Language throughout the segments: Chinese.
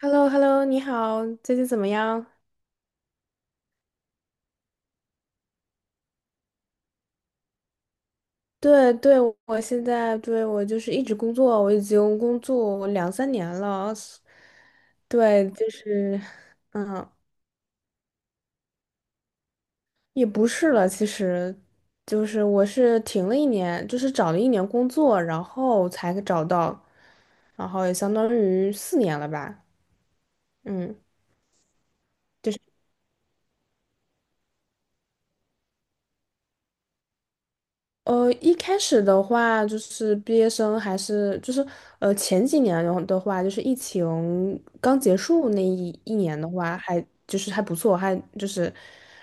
h e l l o h e l l o 你好，最近怎么样？对对，我现在就是一直工作，我已经工作两三年了。对，就是，嗯，也不是了。其实就是我是停了一年，就是找了一年工作，然后才找到，然后也相当于四年了吧。嗯。就是。一开始的话，就是毕业生还是前几年的话，就是疫情刚结束那一年的话，还不错，还就是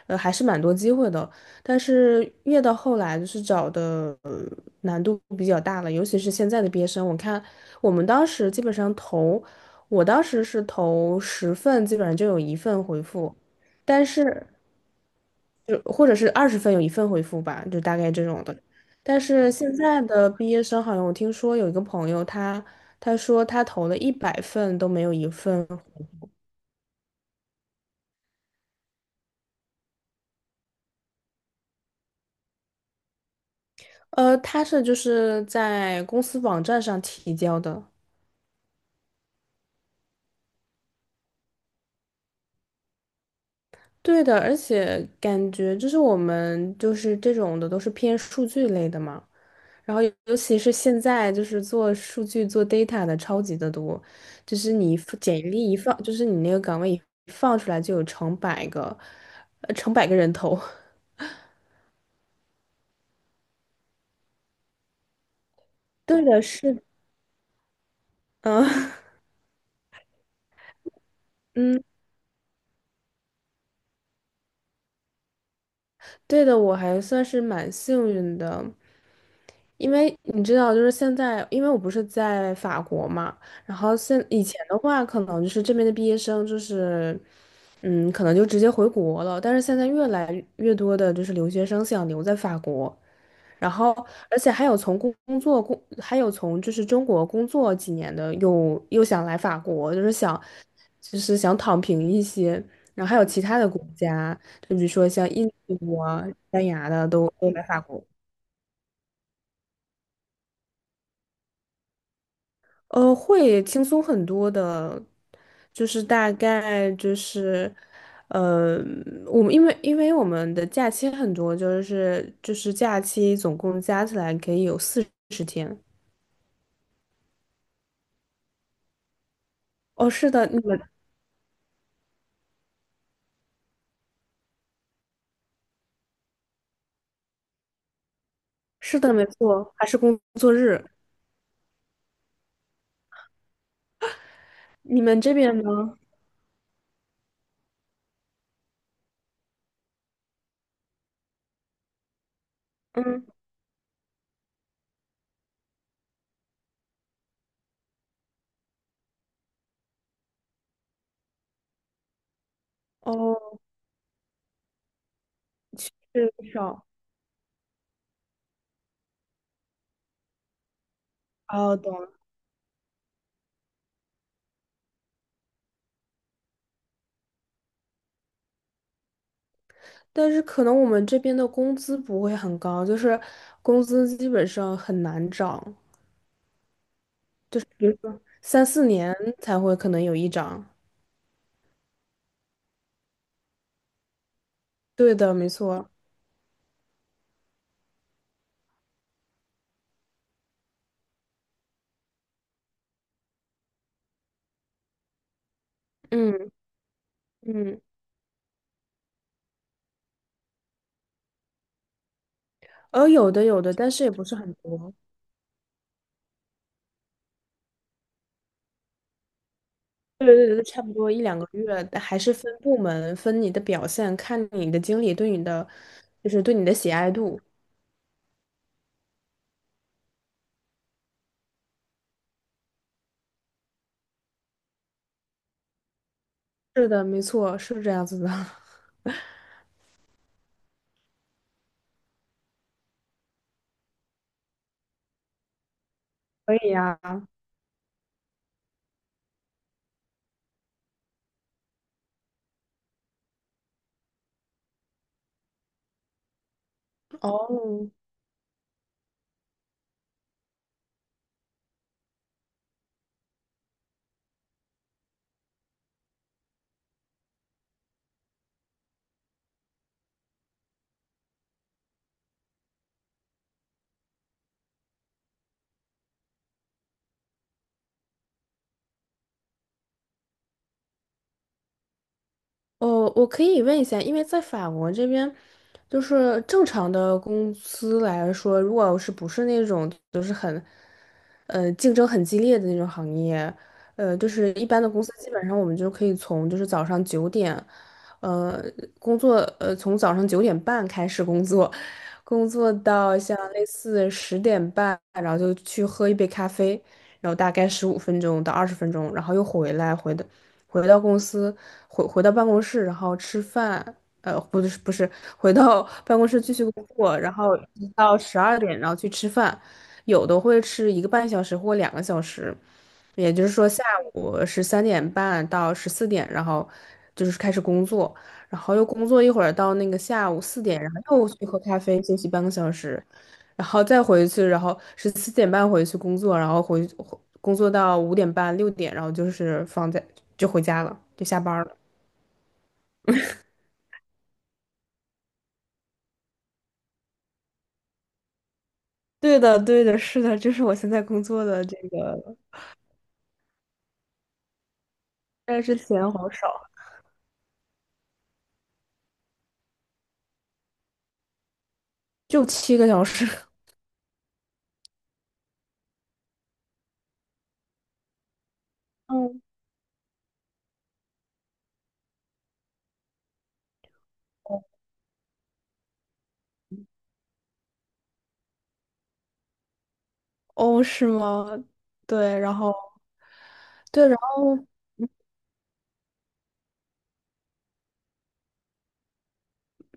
呃还是蛮多机会的。但是越到后来，就是找的难度比较大了。尤其是现在的毕业生，我看我们当时基本上投，我当时是投十份，基本上就有一份回复。但是。就或者是20份有一份回复吧，就大概这种的。但是现在的毕业生好像我听说有一个朋友他，他说他投了100份都没有一份。他是就是在公司网站上提交的。对的，而且感觉就是我们就是这种的都是偏数据类的嘛，然后尤其是现在就是做数据做 data 的超级的多，就是你一放简历一放，就是你那个岗位一放出来就有成百个，成百个人头。对的，是，嗯。 嗯。对的，我还算是蛮幸运的，因为你知道，就是现在，因为我不是在法国嘛。然后以前的话，可能就是这边的毕业生就是，嗯，可能就直接回国了，但是现在越来越多的就是留学生想留在法国。然后，而且还有从工工作工，还有从就是中国工作几年的，又想来法国，就是想，就是想躺平一些。然后还有其他的国家，就比如说像印度啊、西班牙的，都来法国。会轻松很多的，就是大概就是。呃，我们因为我们的假期很多，就是假期总共加起来可以有40天。哦，是的，你们。是的，没错，还是工作日。你们这边呢？嗯。哦，是少。哦，懂了。但是可能我们这边的工资不会很高，就是工资基本上很难涨，三四年才会可能有一涨。对的，没错。嗯嗯。哦，有的有的，但是也不是很多。对对对，差不多一两个月，还是分部门，分你的表现，看你的经理对你的，就是对你的喜爱度。是的，没错，是这样子的。可以呀、哦，哦，我可以问一下，因为在法国这边，就是正常的公司来说，如果是不是那种就是很，竞争很激烈的那种行业，就是一般的公司，基本上我们就可以从就是早上九点，呃，工作，从早上九点半开始工作，工作到像类似10点半，然后就去喝一杯咖啡，然后大概15分钟到20分钟，然后又回来，回到公司，回到办公室，然后吃饭，不是不是，回到 办公室继续工作，然后一直到12点，然后去吃饭，有的会吃1个半小时或2个小时，也就是说下午13点半到14点，然后就是开始工作，然后又工作一会儿到那个下午四点，然后又去喝咖啡休息半个小时，然后再回去，然后是4点半回去工作，然后工作到5点半6点，然后就是就回家了，就下班了。对的，对的，是的，这是我现在工作的这个。但是钱好少，就七个小时。嗯。哦，是吗？对，然后对，然后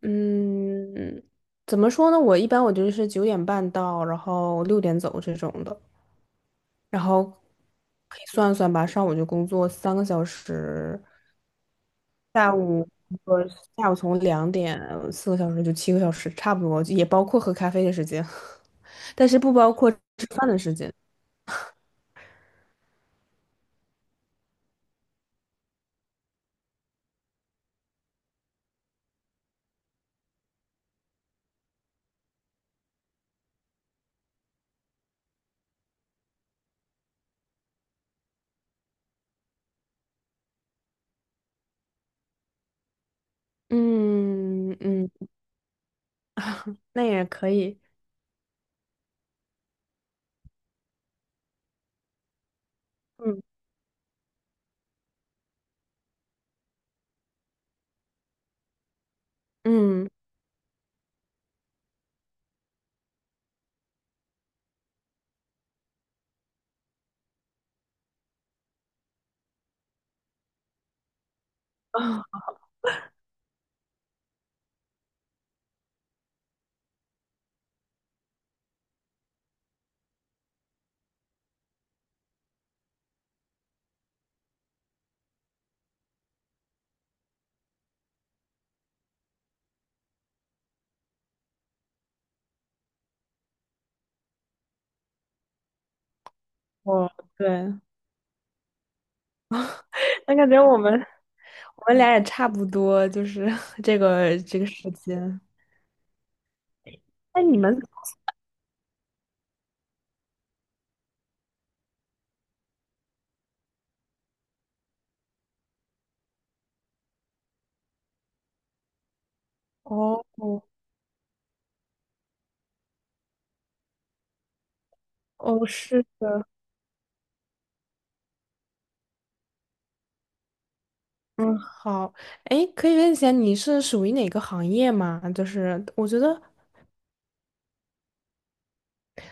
嗯，怎么说呢？我一般就是九点半到，然后六点走这种的，然后可以算算吧，上午就工作3个小时。我下午从2点4个小时就七个小时，差不多，也包括喝咖啡的时间，但是不包括吃饭的时间。嗯嗯。那也可以。嗯嗯，啊，我对。那感觉我们俩也差不多，就是 这个时间。那你们哦哦，是的。嗯，好，哎，可以问一下你是属于哪个行业吗？就是我觉得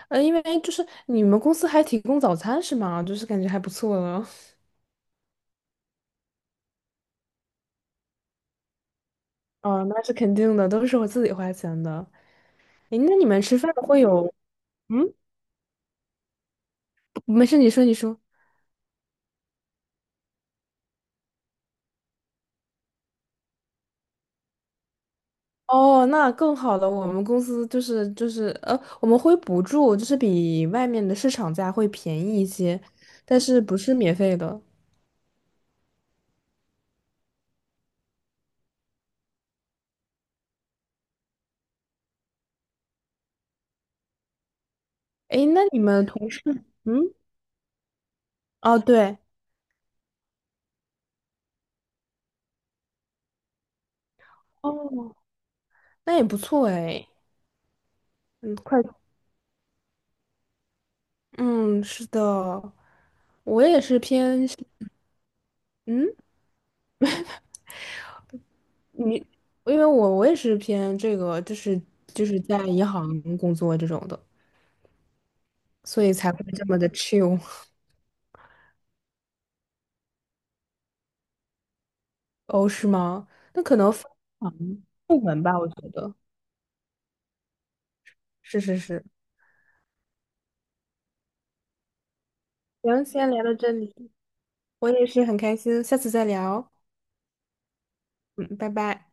因为就是你们公司还提供早餐是吗？就是感觉还不错了。哦，那是肯定的，都是我自己花钱的。诶，那你们吃饭会有？嗯，不没事，你说，你说。哦，那更好了。我们公司就是我们会补助，就是比外面的市场价会便宜一些，但是不是免费的。诶，那你们同事，嗯，哦，对，哦，那也不错诶。嗯，快，嗯，是的，我也是偏，嗯。你，因为我也是偏这个，就是就是在银行工作这种的，所以才会这么的 chill。哦，是吗？那可能分行部门吧，我觉得是是是。行，先聊到这里，我也是很开心，下次再聊。嗯，拜拜。